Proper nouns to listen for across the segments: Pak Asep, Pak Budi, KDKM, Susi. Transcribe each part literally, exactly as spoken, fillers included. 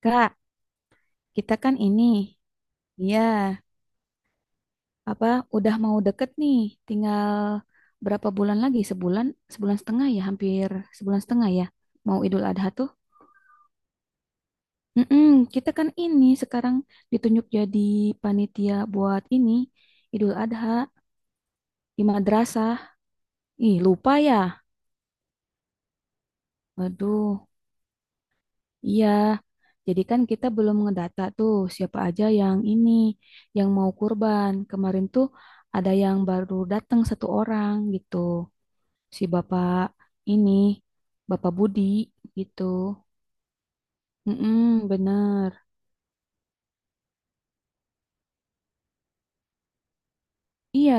Kak, kita kan ini, ya, apa udah mau deket nih, tinggal berapa bulan lagi? Sebulan, sebulan setengah ya, hampir sebulan setengah ya. Mau Idul Adha tuh. Mm-mm, kita kan ini sekarang ditunjuk jadi panitia buat ini Idul Adha di madrasah. Ih, lupa ya. Aduh, iya. Jadi kan kita belum ngedata tuh siapa aja yang ini yang mau kurban. Kemarin tuh ada yang baru datang satu orang gitu. Si bapak ini, bapak Budi gitu. Mm-mm, bener. Iya,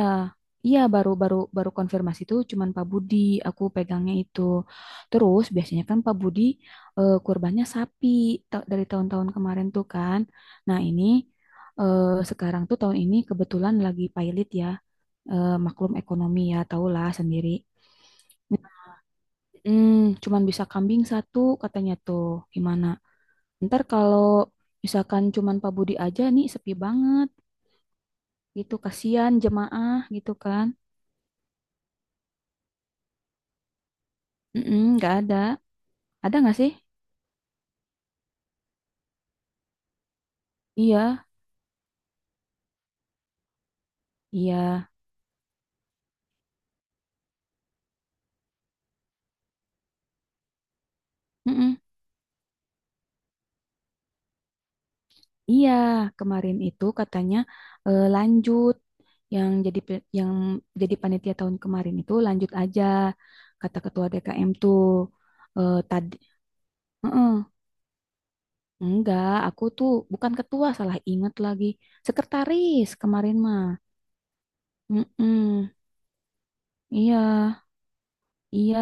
iya baru baru baru konfirmasi itu cuman Pak Budi aku pegangnya itu. Terus biasanya kan Pak Budi eh, kurbannya sapi ta- dari tahun-tahun kemarin tuh kan. Nah ini eh, sekarang tuh tahun ini kebetulan lagi pailit ya. Eh, maklum ekonomi ya tahulah sendiri. Nah, Mm, cuman bisa kambing satu katanya tuh gimana? Ntar kalau misalkan cuman Pak Budi aja nih sepi banget gitu. Kasihan jemaah gitu kan. Mm nggak ada. Ada nggak sih? Iya, iya. Mm-mm. Iya, kemarin itu katanya eh, lanjut yang jadi pe- yang jadi panitia tahun kemarin itu lanjut aja kata ketua D K M tuh. Eh, tadi Heeh. Enggak, aku tuh bukan ketua, salah ingat lagi. Sekretaris kemarin mah. Mm-mm. Iya. Iya,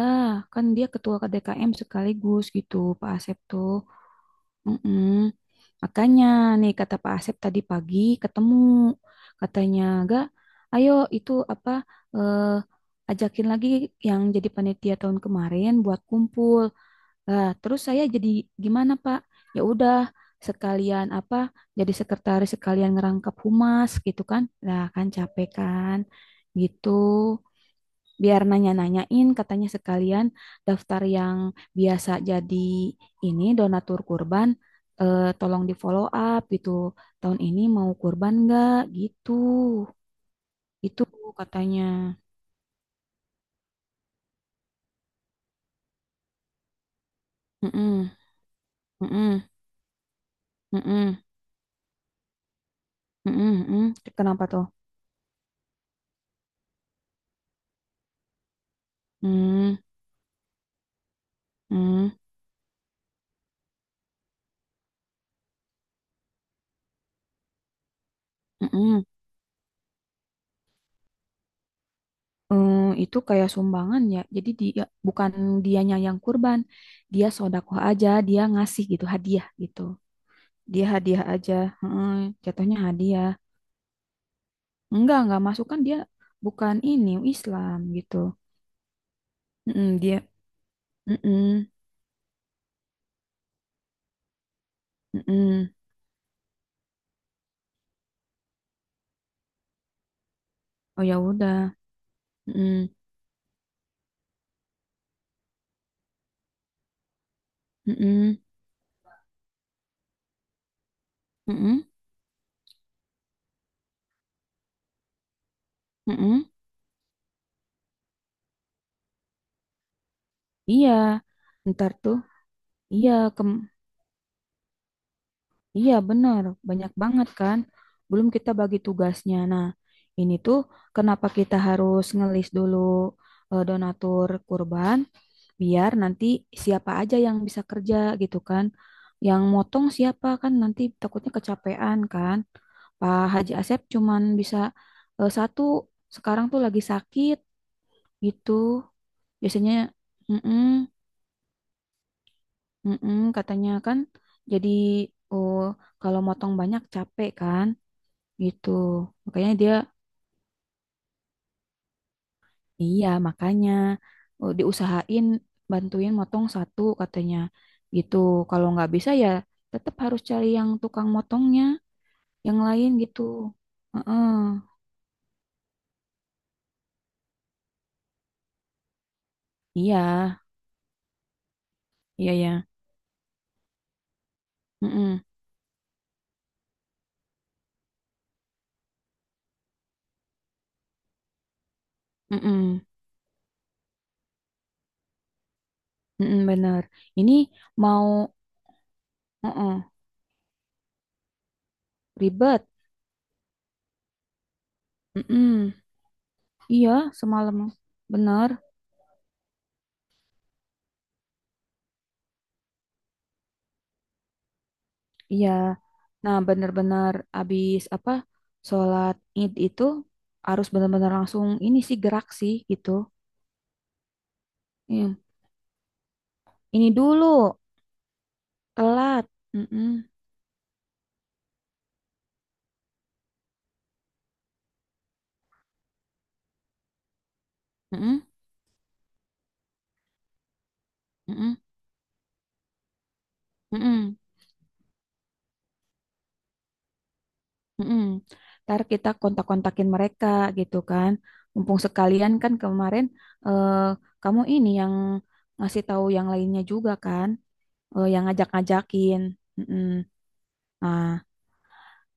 kan dia ketua K D K M sekaligus gitu, Pak Asep tuh. Mm-mm. Makanya nih kata Pak Asep tadi pagi ketemu, katanya, Ga, ayo itu apa eh, ajakin lagi yang jadi panitia tahun kemarin buat kumpul. Lah, terus saya jadi gimana Pak? Ya udah sekalian apa jadi sekretaris sekalian ngerangkap humas gitu kan? Lah kan capek kan gitu biar nanya-nanyain katanya sekalian daftar yang biasa jadi ini donatur kurban, eh, tolong di follow up gitu, tahun ini mau kurban nggak gitu, itu katanya. Mm-mm, mm-mm, mm-mm, mm-mm, mm-mm. Kenapa tuh? mm, mm, mm-mm. Eh, itu kayak sumbangan ya, jadi dia bukan dianya yang kurban, dia sodakoh aja, dia ngasih gitu hadiah gitu. Dia hadiah aja. Heeh, jatuhnya hadiah. Enggak, enggak masuk kan dia bukan ini Islam gitu. Mm-mm, dia, mm-mm, mm-mm. Oh ya udah, mm-mm, mm-mm, mm-mm, mm-mm. Iya, ntar tuh, iya, kem- iya benar, banyak banget kan. Belum kita bagi tugasnya. Nah, ini tuh kenapa kita harus ngelis dulu eh, donatur kurban? Biar nanti siapa aja yang bisa kerja gitu kan. Yang motong siapa kan nanti takutnya kecapean kan. Pak Haji Asep cuman bisa eh, satu, sekarang tuh lagi sakit gitu. Biasanya mm-mm, mm-mm, katanya kan, jadi oh, kalau motong banyak capek kan gitu. Makanya dia, iya, makanya eh, diusahain bantuin motong satu katanya gitu. Kalau nggak bisa ya tetap harus cari yang tukang motongnya, yang lain gitu. Heeh. Iya, iya ya. Heeh. Heeh. Heeh, bener. Ini mau heeh, ribet. Heeh. Iya, semalam. Bener. Iya. Nah, bener-bener abis apa? Sholat Id itu harus bener-bener langsung ini sih gerak sih gitu. Iya. Ini dulu, telat. Mm-mm, mm-mm, mm-mm, mm-mm, mm-mm. Ntar kita kontak-kontakin mereka gitu kan. Mumpung sekalian kan kemarin eh, kamu ini yang ngasih tahu yang lainnya juga kan, eh, yang ngajak-ngajakin. Mm-mm. Nah,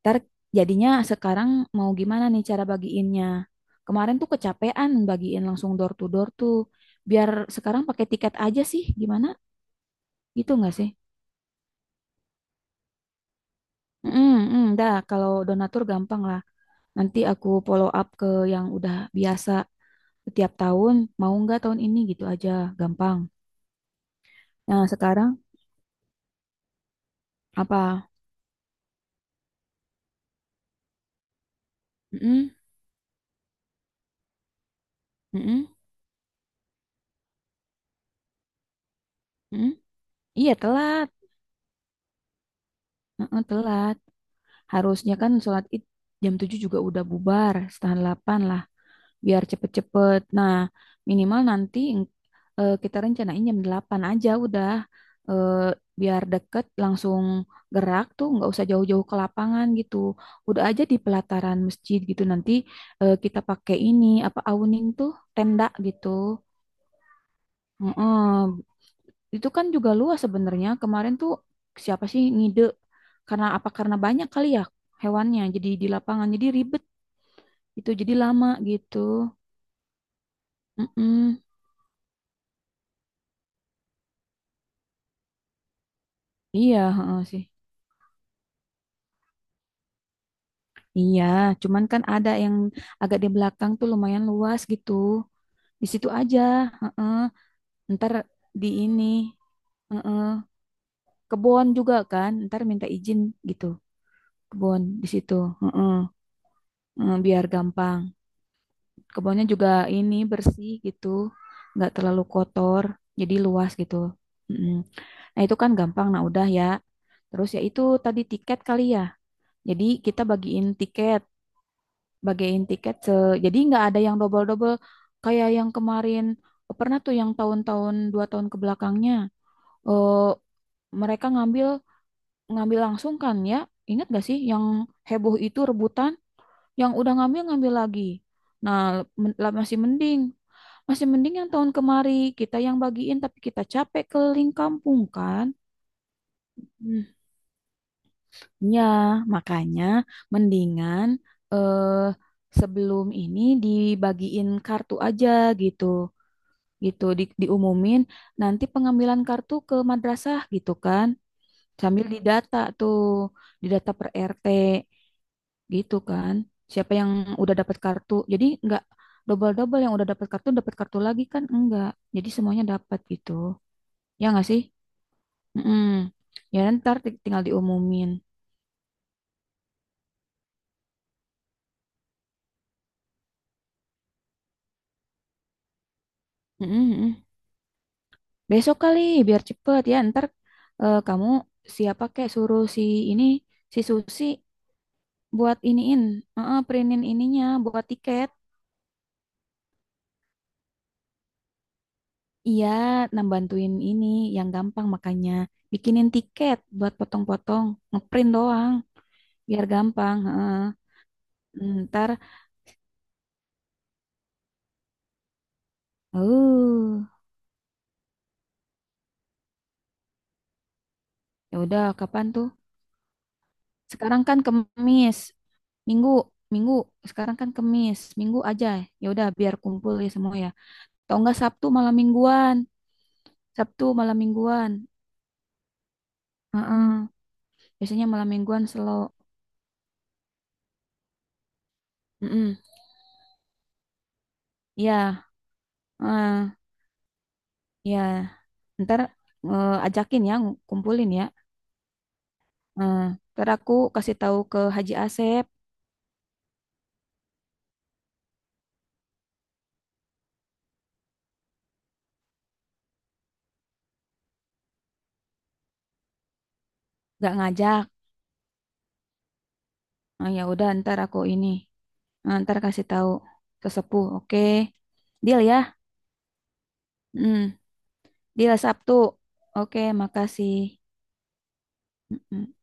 ntar jadinya sekarang mau gimana nih cara bagiinnya? Kemarin tuh kecapean bagiin langsung door to door tuh. Biar sekarang pakai tiket aja sih, gimana? Gitu nggak sih? Mm, mm, Dah kalau donatur gampang lah. Nanti aku follow up ke yang udah biasa setiap tahun. Mau nggak tahun ini gitu aja, gampang. Nah sekarang apa? Mm, mm, mm. Iya telat, Mm, mm, telat. Harusnya kan sholat id jam tujuh juga udah bubar, setengah delapan lah. Biar cepet-cepet. Nah, minimal nanti eh, kita rencanain jam delapan aja udah. Eh, Biar deket langsung gerak tuh nggak usah jauh-jauh ke lapangan gitu. Udah aja di pelataran masjid gitu nanti eh, kita pakai ini apa awning tuh tenda gitu. Heeh. Itu kan juga luas sebenarnya. Kemarin tuh siapa sih ngide, karena apa, karena banyak kali ya hewannya jadi di lapangan jadi ribet itu jadi lama gitu. Mm-mm. Iya, heeh sih. Iya, cuman kan ada yang agak di belakang tuh lumayan luas gitu. Di situ aja, heeh. Ntar di ini, heeh. Kebon juga kan, ntar minta izin gitu. Kebon di situ, heeh. Heeh, biar gampang. Kebunnya juga ini bersih gitu, nggak terlalu kotor, jadi luas gitu. Heeh. Nah itu kan gampang, nah udah ya. Terus ya itu tadi tiket kali ya. Jadi kita bagiin tiket. Bagiin tiket se jadi nggak ada yang double-double kayak yang kemarin pernah tuh, yang tahun-tahun dua tahun kebelakangnya eh mereka ngambil, ngambil langsung kan ya, ingat gak sih yang heboh itu rebutan, yang udah ngambil ngambil lagi, nah men- lah masih mending, masih mending yang tahun kemari kita yang bagiin tapi kita capek keliling kampung kan. Hmm. Ya makanya mendingan eh sebelum ini dibagiin kartu aja gitu. Gitu di, diumumin nanti pengambilan kartu ke madrasah gitu kan, sambil didata tuh, didata per R T gitu kan, siapa yang udah dapat kartu, jadi nggak double-double, yang udah dapat kartu dapat kartu lagi kan enggak, jadi semuanya dapat gitu, ya nggak sih. Mm-mm. Ya ntar ti- tinggal diumumin. Mm-mm, mm-mm. Besok kali biar cepet ya, ntar eh, kamu siapa kayak suruh si ini, si Susi buat iniin, eh, eh, printin ininya buat tiket. Iya, nah bantuin ini yang gampang, makanya bikinin tiket buat potong-potong, ngeprint doang biar gampang. Heeh. Ntar, uh, ya udah kapan tuh? Sekarang kan Kemis, Minggu, Minggu. Sekarang kan Kemis, Minggu aja. Ya udah biar kumpul ya semua ya. Atau enggak Sabtu malam mingguan, Sabtu malam mingguan. Heeh. Biasanya malam mingguan slow. Mm-mm. Iya, heeh. Iya. Ntar eh, ajakin ya, ngumpulin ya. Nah, ntar aku kasih tahu ke Haji Asep, nggak ngajak. Nah, ya udah, ntar aku ini, nah, ntar kasih tahu ke sepuh. Oke, deal ya. Hmm, deal Sabtu. Oke, makasih. Mm-mm.